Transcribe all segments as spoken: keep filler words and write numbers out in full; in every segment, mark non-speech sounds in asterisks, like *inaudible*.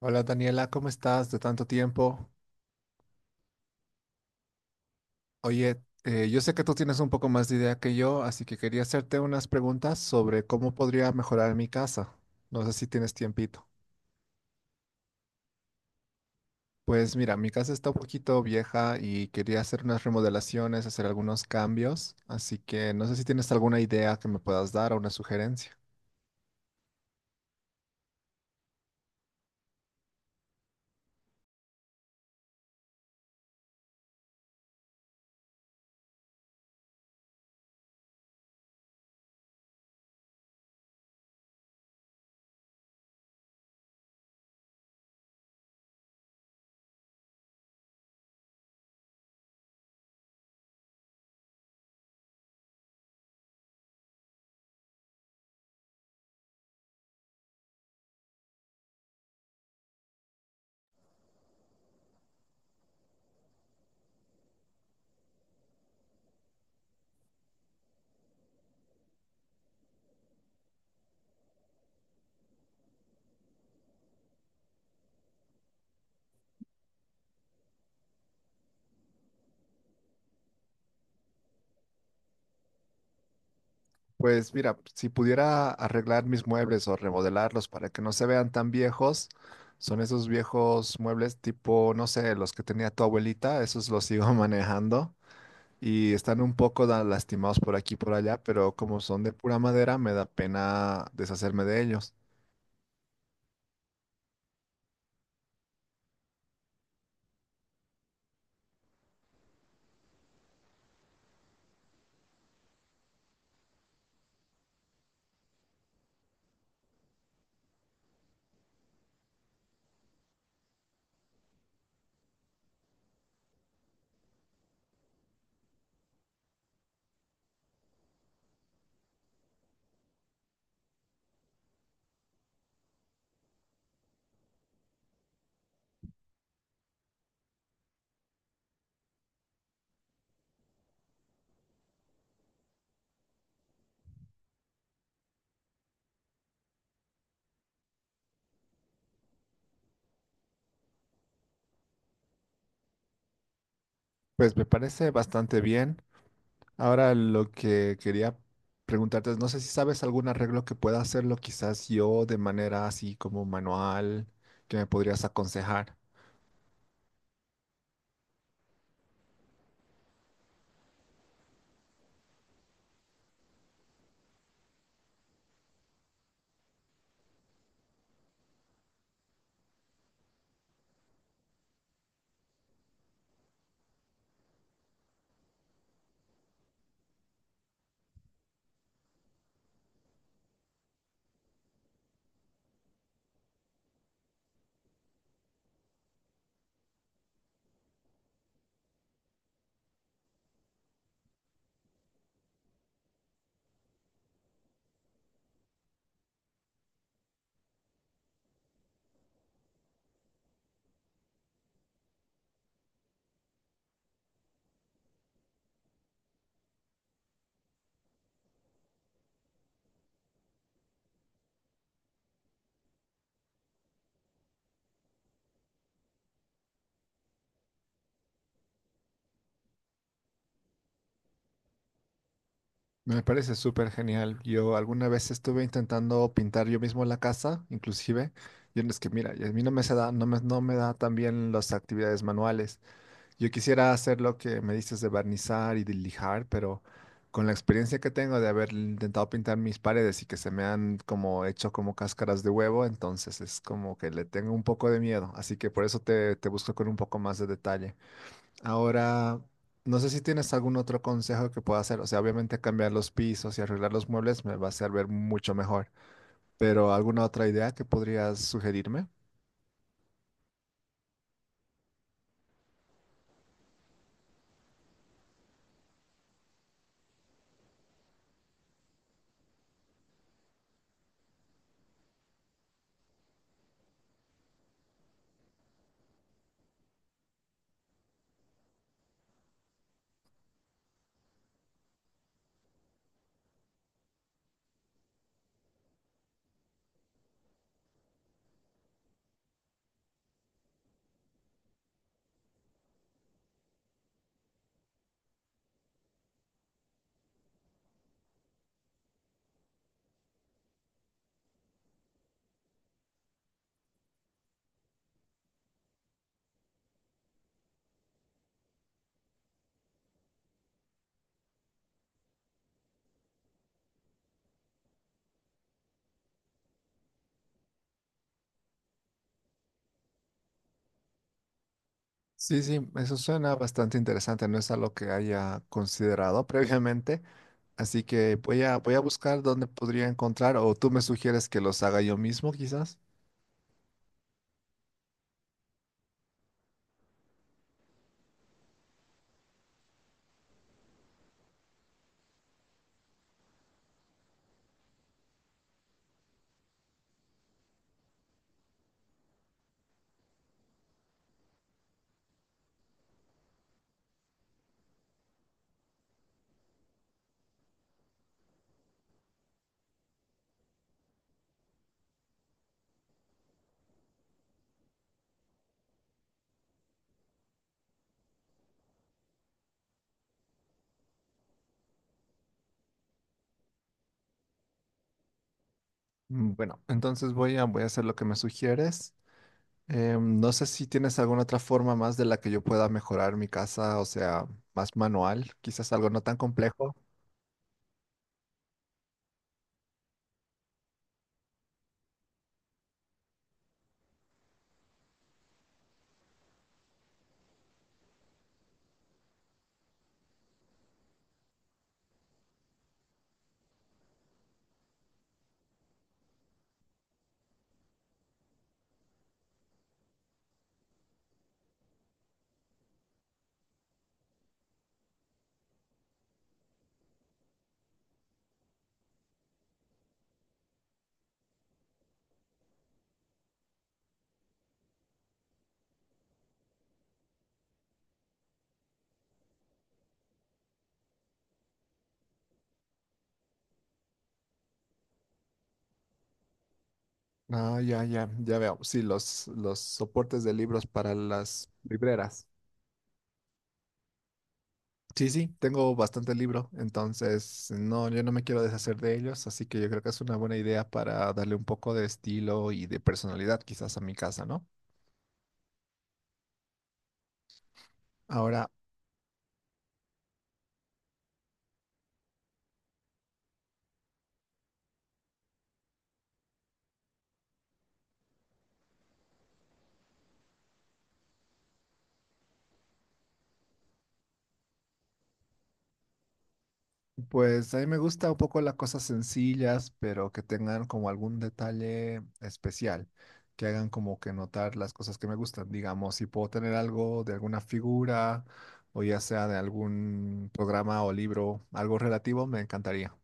Hola Daniela, ¿cómo estás? De tanto tiempo. Oye, eh, yo sé que tú tienes un poco más de idea que yo, así que quería hacerte unas preguntas sobre cómo podría mejorar mi casa. No sé si tienes tiempito. Pues mira, mi casa está un poquito vieja y quería hacer unas remodelaciones, hacer algunos cambios, así que no sé si tienes alguna idea que me puedas dar o una sugerencia. Pues mira, si pudiera arreglar mis muebles o remodelarlos para que no se vean tan viejos, son esos viejos muebles tipo, no sé, los que tenía tu abuelita, esos los sigo *laughs* manejando y están un poco da- lastimados por aquí y por allá, pero como son de pura madera, me da pena deshacerme de ellos. Pues me parece bastante bien. Ahora lo que quería preguntarte es, no sé si sabes algún arreglo que pueda hacerlo quizás yo de manera así como manual, que me podrías aconsejar. Me parece súper genial. Yo alguna vez estuve intentando pintar yo mismo la casa, inclusive. Yo es que, mira, y a mí no me se da, no me, no me da tan bien las actividades manuales. Yo quisiera hacer lo que me dices de barnizar y de lijar, pero con la experiencia que tengo de haber intentado pintar mis paredes y que se me han como hecho como cáscaras de huevo, entonces es como que le tengo un poco de miedo. Así que por eso te, te busco con un poco más de detalle. Ahora, no sé si tienes algún otro consejo que pueda hacer. O sea, obviamente cambiar los pisos y arreglar los muebles me va a hacer ver mucho mejor. Pero ¿alguna otra idea que podrías sugerirme? Sí, sí, eso suena bastante interesante. No es algo que haya considerado *laughs* previamente. Así que voy a, voy a buscar dónde podría encontrar o tú me sugieres que los haga yo mismo, quizás. Mm, bueno, entonces voy a, voy a hacer lo que me sugieres. Em, no sé si tienes alguna otra forma más de la que yo pueda mejorar mi casa, o sea, más manual, quizás algo no tan complejo. Ah, ya, ya, ya veo. Sí, los, los soportes de libros para las libreras. Sí, sí, tengo bastante libro, entonces no, yo no me quiero deshacer de ellos, así que yo creo que es una buena idea para darle un poco de estilo y de personalidad quizás a mi casa, ¿no? Ahora, pues a mí me gusta un poco las cosas sencillas, pero que tengan como algún detalle especial, que hagan como que notar las cosas que me gustan. Digamos, si puedo tener algo de alguna figura o ya sea de algún programa o libro, algo relativo, me encantaría.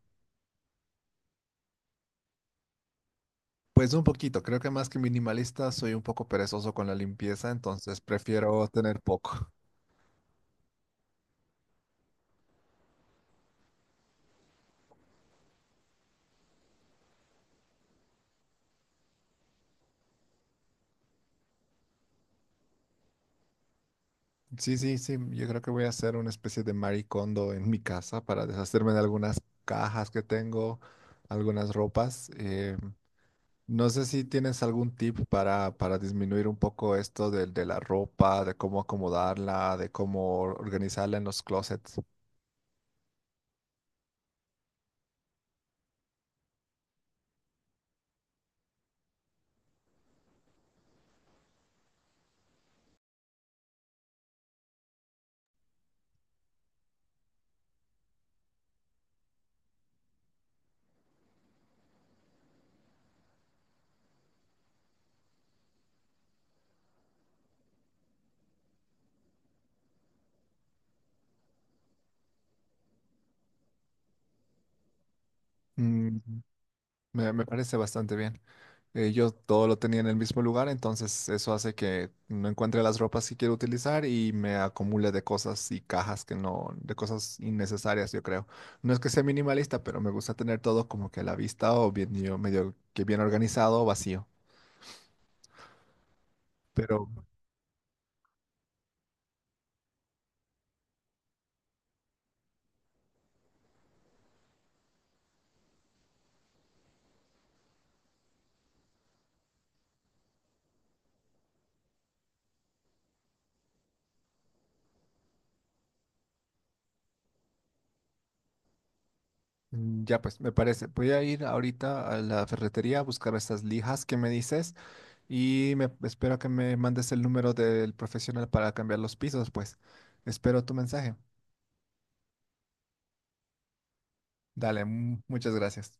Pues un poquito, creo que más que minimalista soy un poco perezoso con la limpieza, entonces prefiero tener poco. Sí, sí, sí. Yo creo que voy a hacer una especie de maricondo en mi casa para deshacerme de algunas cajas que tengo, algunas ropas. Eh, no sé si tienes algún tip para, para disminuir un poco esto del- de la ropa, de cómo acomodarla, de cómo organizarla en los closets. Mm, me, me parece bastante bien. Eh, yo todo lo tenía en el mismo lugar, entonces eso hace que no encuentre las ropas que quiero utilizar y me acumule de cosas y cajas que no, de cosas innecesarias, yo creo. No es que sea minimalista, pero me gusta tener todo como que a la vista o bien, yo- medio que bien organizado o vacío. Pero mm, ya pues, me parece. Voy a ir ahorita a la ferretería a buscar estas lijas que me dices y me espero que me mandes el número del profesional para cambiar los pisos, pues. Espero tu mensaje. Dale, mm, muchas gracias.